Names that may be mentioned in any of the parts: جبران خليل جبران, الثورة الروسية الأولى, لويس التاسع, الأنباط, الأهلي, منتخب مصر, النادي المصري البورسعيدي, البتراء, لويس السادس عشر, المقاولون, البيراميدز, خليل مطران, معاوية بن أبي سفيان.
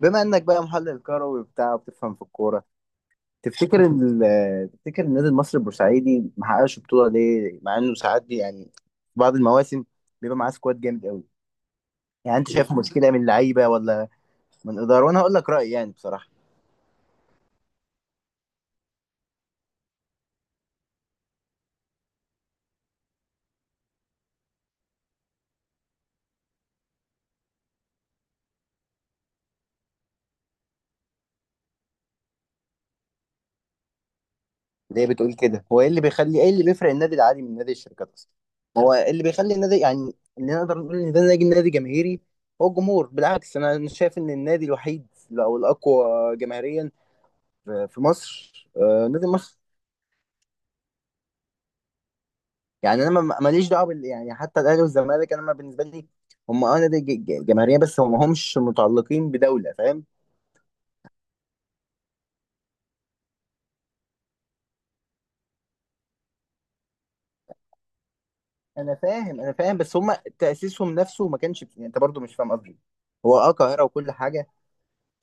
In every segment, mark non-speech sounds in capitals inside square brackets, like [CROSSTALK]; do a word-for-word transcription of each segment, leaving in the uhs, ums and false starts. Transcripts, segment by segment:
بما انك بقى محلل كروي وبتاع وبتفهم في الكوره، تفتكر [LAUGHS] ان ال- تفتكر النادي المصري البورسعيدي ما حققش بطوله ليه، مع انه ساعات بي- يعني في بعض المواسم بيبقى معاه سكواد جامد قوي؟ يعني انت شايف مشكله من لعيبه، ولا من اداره؟ وانا هقول لك رايي يعني بصراحه. ليه بتقول كده؟ هو ايه اللي بيخلي ايه اللي بيفرق النادي العادي من نادي الشركات اصلا؟ هو إيه اللي بيخلي النادي يعني، اللي نقدر نقول ان ده نادي نادي جماهيري؟ هو الجمهور. بالعكس، انا أنا شايف ان النادي الوحيد، او الاقوى جماهيريا في في مصر، آه، نادي مصر. يعني انا ما- ماليش دعوه بال... يعني حتى الاهلي والزمالك انا، ما بالنسبه لي هم اه نادي ج- ج- جماهيريه، بس هم همش متعلقين بدوله، فاهم؟ انا فاهم، انا فاهم، بس هم تاسيسهم نفسه ما كانش، يعني انت برضو مش فاهم قصدي. هو اه قاهره وكل حاجه،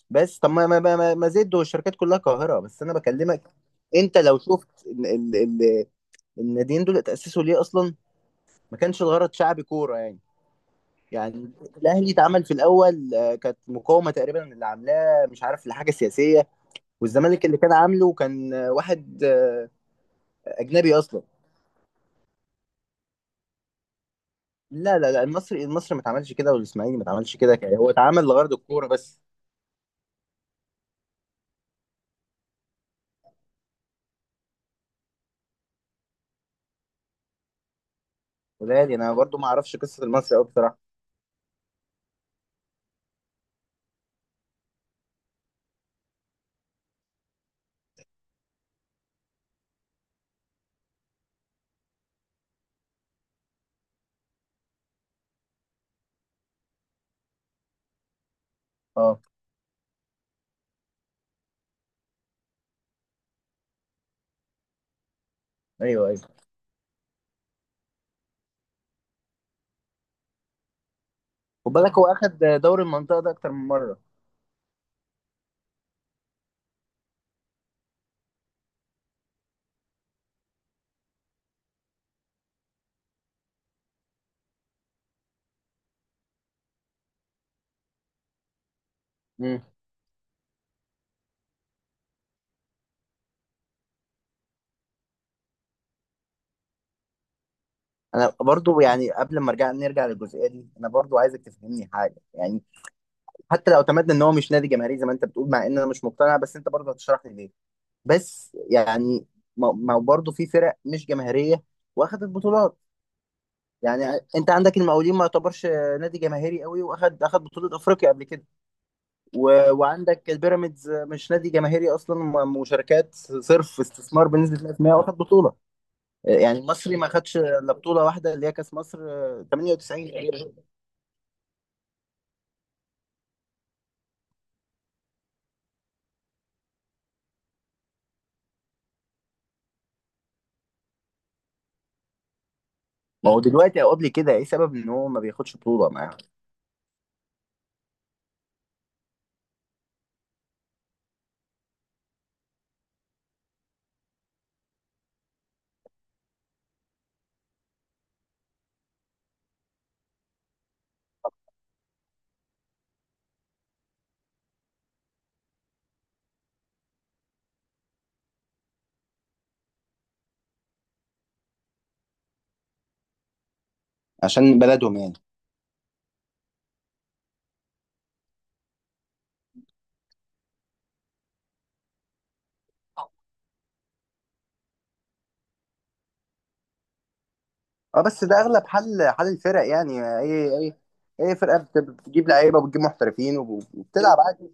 بس طب ما ما ما, ما ما زد والشركات كلها قاهره، بس انا بكلمك. انت لو شفت ال... ال... ال... الناديين دول تاسسوا ليه اصلا؟ ما كانش الغرض شعبي كوره يعني. يعني الاهلي اتعمل في الاول، آه، كانت مقاومه تقريبا اللي عاملاه، مش عارف لحاجه سياسيه. والزمالك اللي كان عامله كان واحد آه، اجنبي اصلا. لا لا لا، المصري المصري ما اتعملش كده، والاسماعيلي ما اتعملش كده، يعني هو اتعمل لغرض الكوره بس. ولادي انا برضو ما اعرفش قصه المصري قوي بصراحه. اه، ايوه، ايوه. خد بالك هو اخد دوري المنطقه ده اكتر من مره. امم. انا برضو، يعني قبل ما ارجع نرجع للجزئيه دي، انا برضو عايزك تفهمني حاجه يعني. حتى لو اعتمدنا ان هو مش نادي جماهيري زي ما انت بتقول، مع ان انا مش مقتنع، بس انت برضو هتشرح لي ليه. بس يعني ما ما برضو في فرق مش جماهيريه واخدت بطولات. يعني انت عندك المقاولين، ما يعتبرش نادي جماهيري قوي، واخد اخد بطولة افريقيا قبل كده. و... وعندك البيراميدز مش نادي جماهيري اصلا، م- مشاركات صرف استثمار بنسبة مئة بالمية واخد بطولة. يعني المصري ما خدش الا بطولة واحدة، اللي هي كاس مصر تمانية وتسعين تقريبا. ما هو دلوقتي او قبل كده، ايه سبب ان هو ما بياخدش بطولة معاهم؟ عشان بلدهم يعني. اه، بس ده اغلب حل حل الفرق يعني، آه، اي اي اي فرقة بت- بتجيب لعيبة، وبتجيب محترفين، وب- وبتلعب عادي.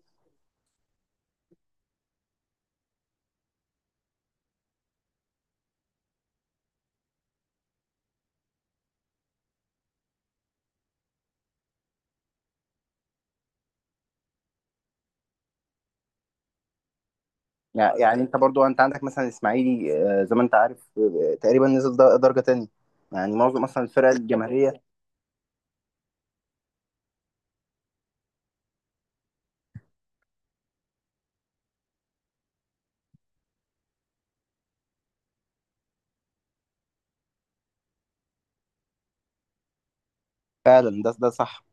يع- يعني انت برضو، انت عندك مثلا اسماعيلي، آه، زي ما انت عارف، آه، تقريبا نزل در- درجة تانية. يعني معظم اصلا الفرق الجماهيرية. فعلا، ده ده صح.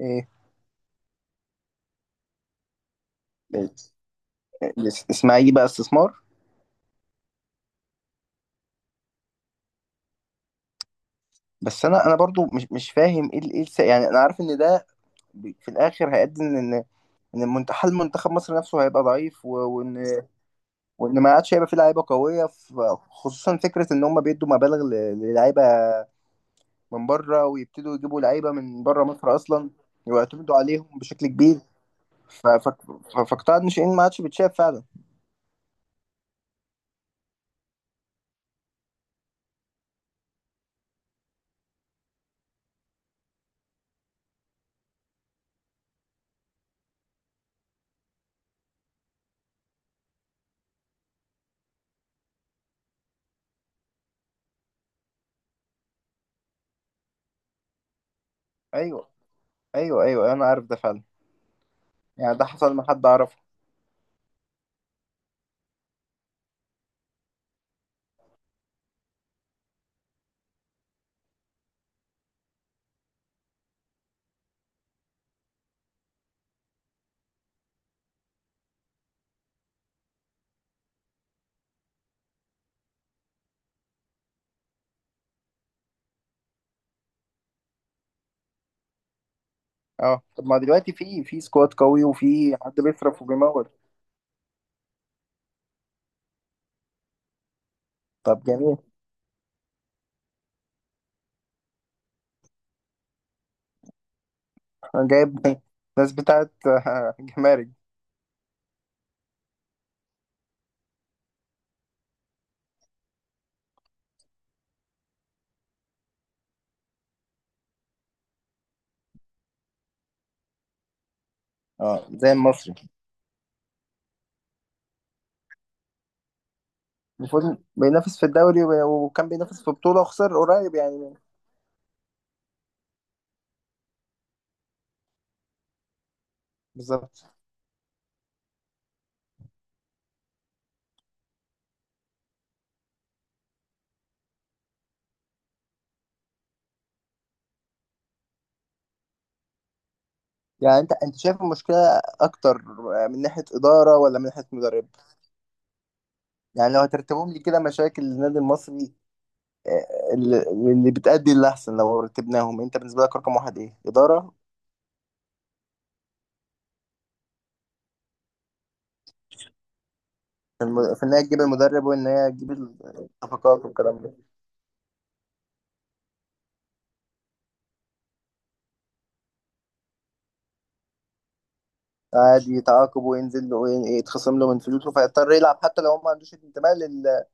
ايه ال- الاس- اسماعيلي بقى استثمار. بس انا انا برضو مش مش فاهم ايه ال- ايه الس- يعني انا عارف ان ده، ب- في الاخر هيؤدي ان، ان إن المنت- حال منتخب مصر نفسه هيبقى ضعيف، و- وان وان ما عادش هيبقى فيه لعيبه قويه، ف- خصوصا فكره ان هم بيدوا مبالغ ل- للعيبه من بره، ويبتدوا يجيبوا لعيبه من بره مصر اصلا، ويعتمدوا عليهم بشكل كبير، ف- ف- ف- فقطاع الناشئين ما عادش بيتشاف فعلا. ايوه، ايوه، ايوه، أيوة، انا عارف ده فعلا. يعني ده حصل مع حد اعرفه. اه، طب ما دلوقتي في في سكواد قوي، وفي حد بيصرف وبيمول. طب جميل. أنا جايب ناس بتاعت [LAUGHS] آه، جمارك. اه، زي المصري. المفروض بينافس في الدوري، وب- وكان بينافس في بطولة وخسر قريب يعني. بالظبط. يعني انت انت شايف المشكلة اكتر من ناحية إدارة، ولا من ناحية مدرب؟ يعني لو هترتبهم لي كده مشاكل النادي المصري اللي اللي بتأدي، اللي أحسن لو رتبناهم، أنت بالنسبة لك رقم واحد إيه؟ إدارة؟ الم- في، إن هي تجيب المدرب وإن هي تجيب الصفقات والكلام ده. عادي يتعاقب، وينزل له، وين- يتخصم له من فلوسه، فيضطر يلعب حتى لو هو ما عندوش انتماء لل...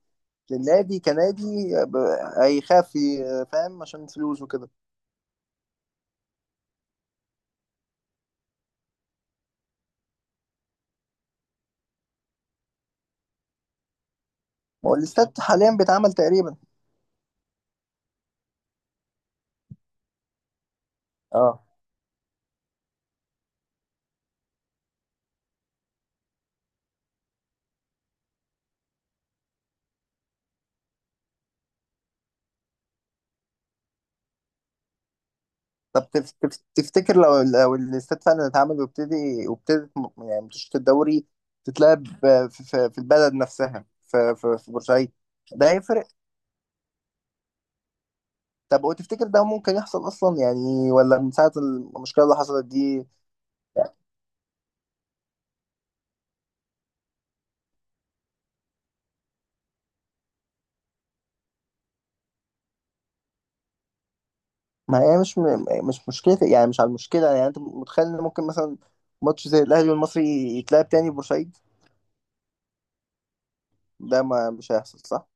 للنادي كنادي، ب- هيخاف ي- فاهم، عشان فلوس وكده. هو الاستاد حاليا بيتعمل تقريبا. اه، طب تف- تف- تفتكر لو لو الاستاد فعلا اتعمل وابتدي، وابتدت م- يعني ماتشات الدوري تتلعب، ب- في, في في البلد نفسها، في, في, في بورسعيد؟ ده هيفرق؟ طب وتفتكر ده ممكن يحصل اصلا يعني، ولا من ساعة المشكلة اللي حصلت دي؟ ما هي مش م- مش مشكلة يعني، مش على المشكلة. يعني انت متخيل ان ممكن مثلا ماتش زي الاهلي والمصري يتلعب تاني في بورسعيد؟ ده ما مش هيحصل، صح؟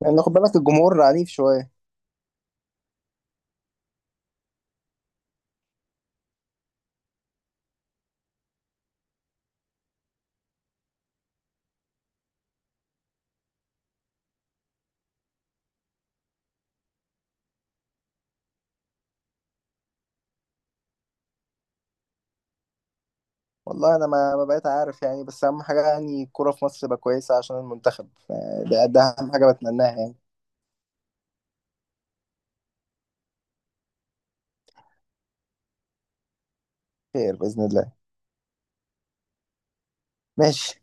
لان يعني خد بالك الجمهور عنيف شوية. والله انا ما ما بقيت عارف يعني. بس اهم حاجه يعني الكوره في مصر تبقى كويسه عشان المنتخب، ف- ده ده اهم حاجه بتمناها يعني. خير باذن الله، ماشي.